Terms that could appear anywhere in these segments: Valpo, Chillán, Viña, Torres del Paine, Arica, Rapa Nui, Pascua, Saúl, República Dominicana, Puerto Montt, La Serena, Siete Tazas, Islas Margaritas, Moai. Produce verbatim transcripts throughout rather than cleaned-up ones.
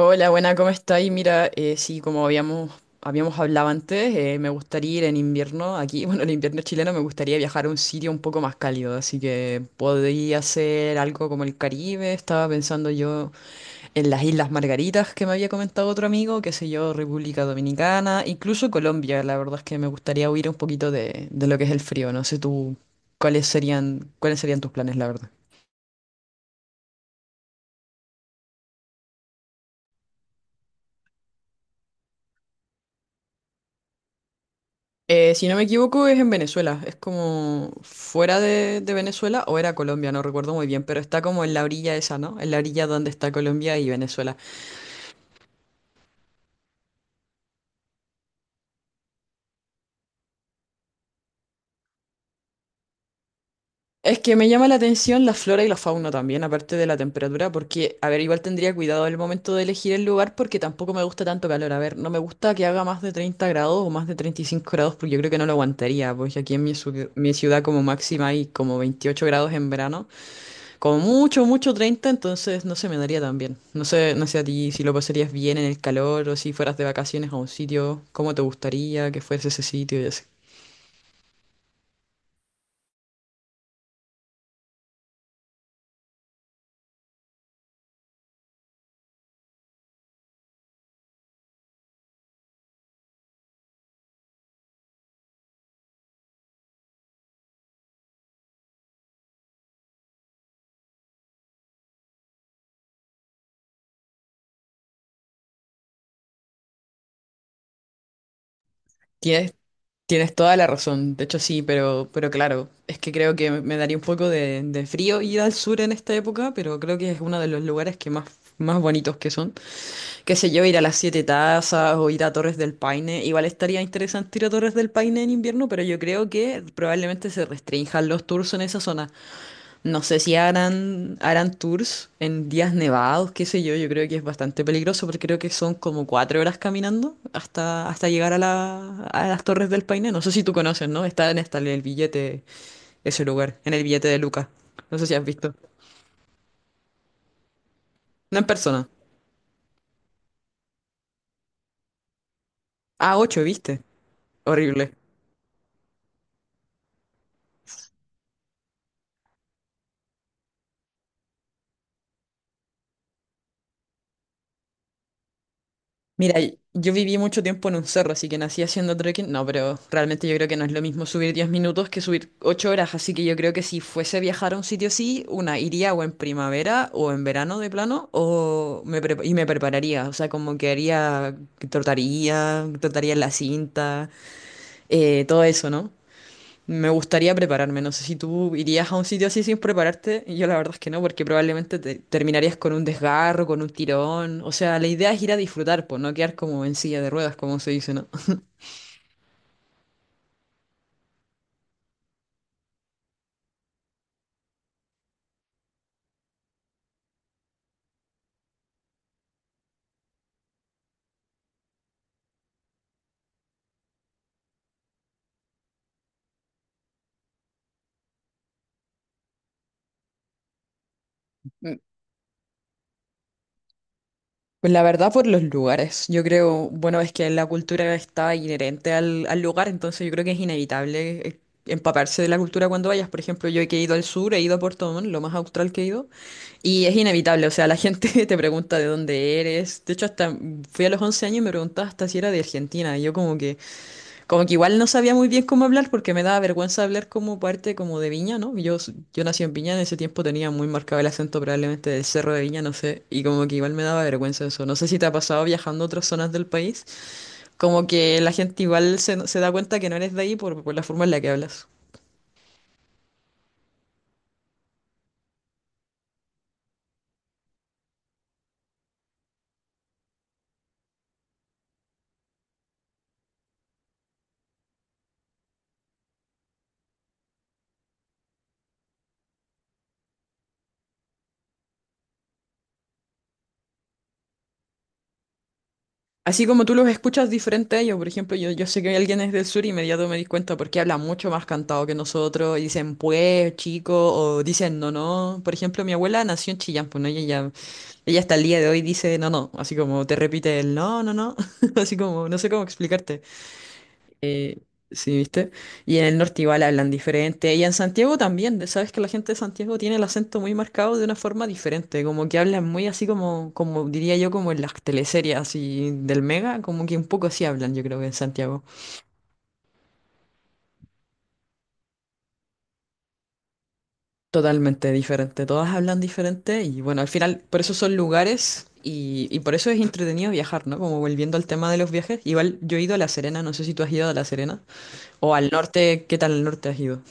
Hola, buena, ¿cómo estáis? Mira, eh, sí, como habíamos, habíamos hablado antes, eh, me gustaría ir en invierno aquí, bueno, en invierno chileno me gustaría viajar a un sitio un poco más cálido, así que podría ser algo como el Caribe, estaba pensando yo en las Islas Margaritas que me había comentado otro amigo, qué sé yo, República Dominicana, incluso Colombia, la verdad es que me gustaría huir un poquito de, de lo que es el frío, no sé tú, ¿cuáles serían, cuáles serían tus planes, la verdad? Eh, si no me equivoco, es en Venezuela. Es como fuera de, de Venezuela o era Colombia, no recuerdo muy bien, pero está como en la orilla esa, ¿no? En la orilla donde está Colombia y Venezuela. Es que me llama la atención la flora y la fauna también, aparte de la temperatura, porque, a ver, igual tendría cuidado al momento de elegir el lugar porque tampoco me gusta tanto calor. A ver, no me gusta que haga más de treinta grados o más de treinta y cinco grados porque yo creo que no lo aguantaría, pues aquí en mi, ciu- mi ciudad como máxima hay como veintiocho grados en verano. Como mucho, mucho treinta, entonces no se me daría tan bien. No sé, no sé a ti si lo pasarías bien en el calor o si fueras de vacaciones a un sitio, cómo te gustaría que fuese ese sitio y así. Tienes, tienes toda la razón, de hecho sí, pero, pero claro, es que creo que me daría un poco de, de frío ir al sur en esta época, pero creo que es uno de los lugares que más, más bonitos que son. Qué sé yo, ir a las Siete Tazas o ir a Torres del Paine. Igual estaría interesante ir a Torres del Paine en invierno, pero yo creo que probablemente se restrinjan los tours en esa zona. No sé si harán, harán tours en días nevados, qué sé yo. Yo creo que es bastante peligroso porque creo que son como cuatro horas caminando hasta, hasta llegar a, la, a las Torres del Paine. No sé si tú conoces, ¿no? Está en, esta- en el billete, ese lugar, en el billete de Luca. No sé si has visto. No en persona. Ah, ocho, ¿viste? Horrible. Mira, y- yo viví mucho tiempo en un cerro, así que nací haciendo trekking. No, pero realmente yo creo que no es lo mismo subir diez minutos que subir ocho horas. Así que yo creo que si fuese a viajar a un sitio así, una iría o en primavera o en verano de plano, o me pre- y me prepararía. O sea, como que haría, que trotaría, trotaría en la cinta, eh, todo eso, ¿no? Me gustaría prepararme, no sé si tú irías a un sitio así sin prepararte, y yo la verdad es que no, porque probablemente te terminarías con un desgarro, con un tirón, o sea, la idea es ir a disfrutar, pues no quedar como en silla de ruedas, como se dice, ¿no? Pues la verdad por los lugares. Yo creo, bueno, es que la cultura está inherente al, al lugar, entonces yo creo que es inevitable eh, empaparse de la cultura cuando vayas. Por ejemplo, yo que he ido al sur, he ido a Puerto Montt, lo más austral que he ido, y es inevitable, o sea, la gente te pregunta de dónde eres. De hecho, hasta fui a los once años y me preguntaba hasta si era de Argentina, y yo como que... Como que igual no sabía muy bien cómo hablar porque me daba vergüenza hablar como parte como de Viña, ¿no? Yo, s- yo nací en Viña, en ese tiempo tenía muy marcado el acento probablemente del Cerro de Viña, no sé, y como que igual me daba vergüenza eso. No sé si te ha pasado viajando a otras zonas del país, como que la gente igual se, se da cuenta que no eres de ahí por, por la forma en la que hablas. Así como tú los escuchas diferente a ellos, por ejemplo, yo, yo sé que alguien es del sur y inmediato me di cuenta porque habla mucho más cantado que nosotros y dicen pues, chico, o dicen no, no. Por ejemplo, mi abuela nació en Chillán, pues, ¿no? ella ya Ella hasta el día de hoy dice no, no, así como te repite el no, no, no, así como no sé cómo explicarte. Eh, sí, ¿viste? Y en el norte igual hablan diferente. Y en Santiago también, de- sabes que la gente de Santiago tiene el acento muy marcado de una forma diferente, como que hablan muy así como, como diría yo, como en las teleseries así del Mega, como que un poco así hablan, yo creo que en Santiago. Totalmente diferente, todas hablan diferente y bueno, al final por eso son lugares y, y por eso es entretenido viajar, ¿no? Como volviendo al tema de los viajes, igual yo he ido a La Serena, no sé si tú has ido a La Serena o al norte, ¿qué tal al norte has ido?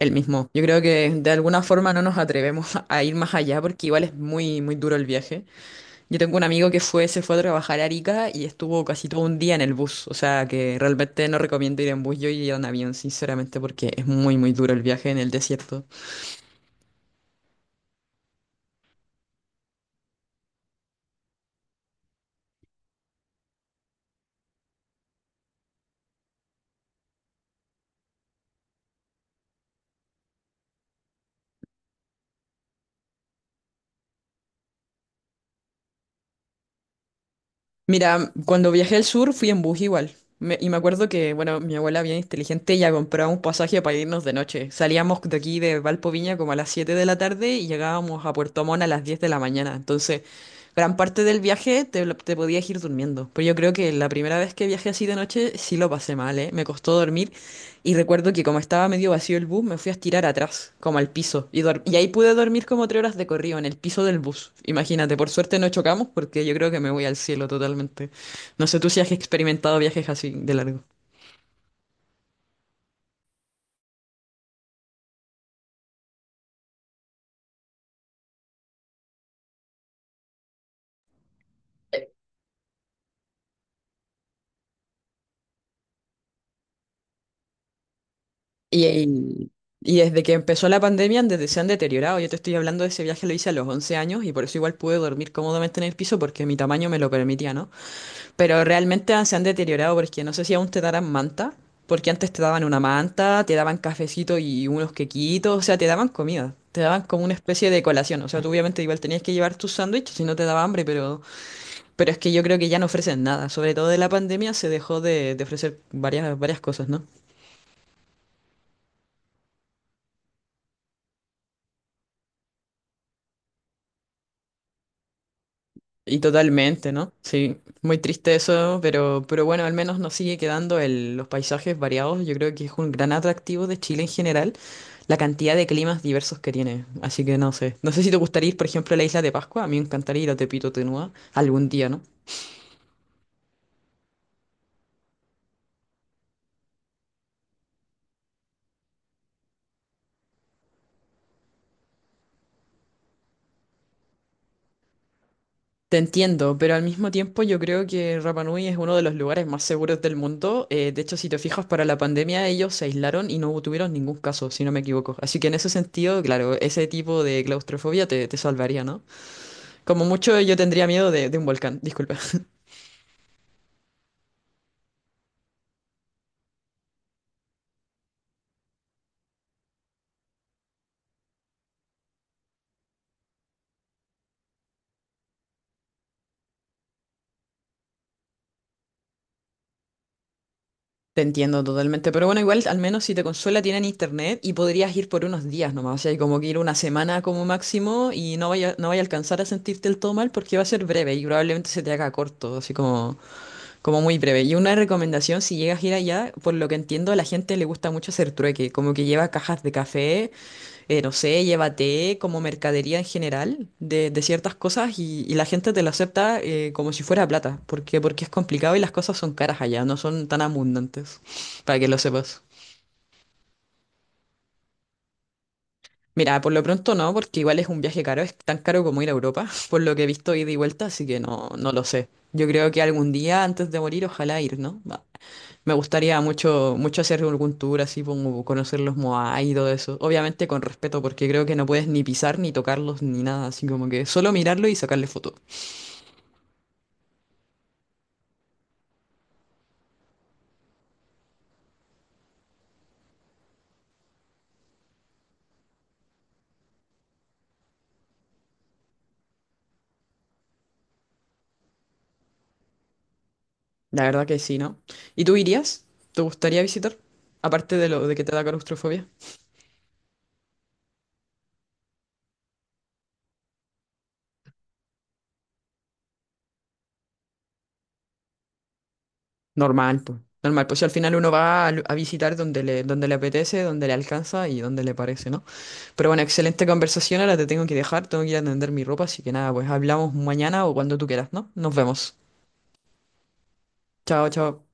El mismo. Yo creo que de alguna forma no nos atrevemos a ir más allá porque igual es muy, muy duro el viaje. Yo tengo un amigo que fue, se fue a trabajar a Arica y estuvo casi todo un día en el bus, o sea que realmente no recomiendo ir en bus, yo iría en avión, sinceramente, porque es muy, muy duro el viaje en el desierto. Mira, cuando viajé al sur fui en bus igual. Me- y me acuerdo que, bueno, mi abuela bien inteligente ya compraba un pasaje para irnos de noche. Salíamos de aquí de Valpo Viña como a las siete de la tarde y llegábamos a Puerto Montt a las diez de la mañana. Entonces, gran parte del viaje te, lo- te podías ir durmiendo. Pero yo creo que la primera vez que viajé así de noche sí lo pasé mal, ¿eh? Me costó dormir, y recuerdo que como estaba medio vacío el bus, me fui a estirar atrás, como al piso. Y, dor- y ahí pude dormir como tres horas de corrido en el piso del bus. Imagínate, por suerte no chocamos porque yo creo que me voy al cielo totalmente. No sé tú si has experimentado viajes así de largo. Y, y- y desde que empezó la pandemia, desde se han deteriorado. Yo te estoy hablando de ese viaje, lo hice a los once años y por eso igual pude dormir cómodamente en el piso porque mi tamaño me lo permitía, ¿no? Pero realmente han- se han deteriorado porque no sé si aún te darán manta, porque antes te daban una manta, te daban cafecito y unos quequitos, o sea, te daban comida, te daban como una especie de colación, o sea, tú obviamente igual tenías que llevar tus sándwiches si no te daba hambre, pero, pero, es que yo creo que ya no ofrecen nada, sobre todo de la pandemia se dejó de, de ofrecer varias, varias cosas, ¿no? Y totalmente, ¿no? Sí, muy triste eso, pero, pero bueno, al menos nos sigue quedando el, los paisajes variados, yo creo que es un gran atractivo de Chile en general, la cantidad de climas diversos que tiene. Así que no sé. No sé si te gustaría ir, por ejemplo, a la isla de Pascua. A mí me encantaría ir a Tepito, Tenua, algún día, ¿no? Te entiendo, pero al mismo tiempo yo creo que Rapa Nui es uno de los lugares más seguros del mundo. Eh, de hecho, si te fijas, para la pandemia ellos se aislaron y no tuvieron ningún caso, si no me equivoco. Así que en ese sentido, claro, ese tipo de claustrofobia te, te salvaría, ¿no? Como mucho, yo tendría miedo de, de un volcán, disculpa. Te entiendo totalmente, pero bueno, igual al menos si te consuela tienen internet y podrías ir por unos días nomás, o sea, hay como que ir una semana como máximo y no vaya, no vaya a alcanzar a sentirte el todo mal porque va a ser breve y probablemente se te haga corto, así como, como muy breve. Y una recomendación, si llegas a ir allá, por lo que entiendo, a la gente le gusta mucho hacer trueque, como que lleva cajas de café, eh, no sé, llévate como mercadería en general de, de ciertas cosas y, y la gente te lo acepta, eh, como si fuera plata, porque, porque es complicado y las cosas son caras allá, no son tan abundantes, para que lo sepas. Mira, por lo pronto no, porque igual es un viaje caro, es tan caro como ir a Europa, por lo que he visto ida y vuelta, así que no, no lo sé. Yo creo que algún día antes de morir, ojalá ir, ¿no? Va. Me gustaría mucho, mucho hacer algún tour así, como conocer los Moai y todo eso. Obviamente con respeto, porque creo que no puedes ni pisar, ni tocarlos, ni nada, así como que solo mirarlo y sacarle foto. La verdad que sí, ¿no? ¿Y tú irías? ¿Te gustaría visitar? Aparte de lo de que te da claustrofobia. Normal, pues. Normal, pues si al final uno va a, lu- a visitar donde le, donde le apetece, donde le alcanza y donde le parece, ¿no? Pero bueno, excelente conversación, ahora te tengo que dejar, tengo que ir a tender mi ropa, así que nada, pues hablamos mañana o cuando tú quieras, ¿no? Nos vemos. Chao, chao.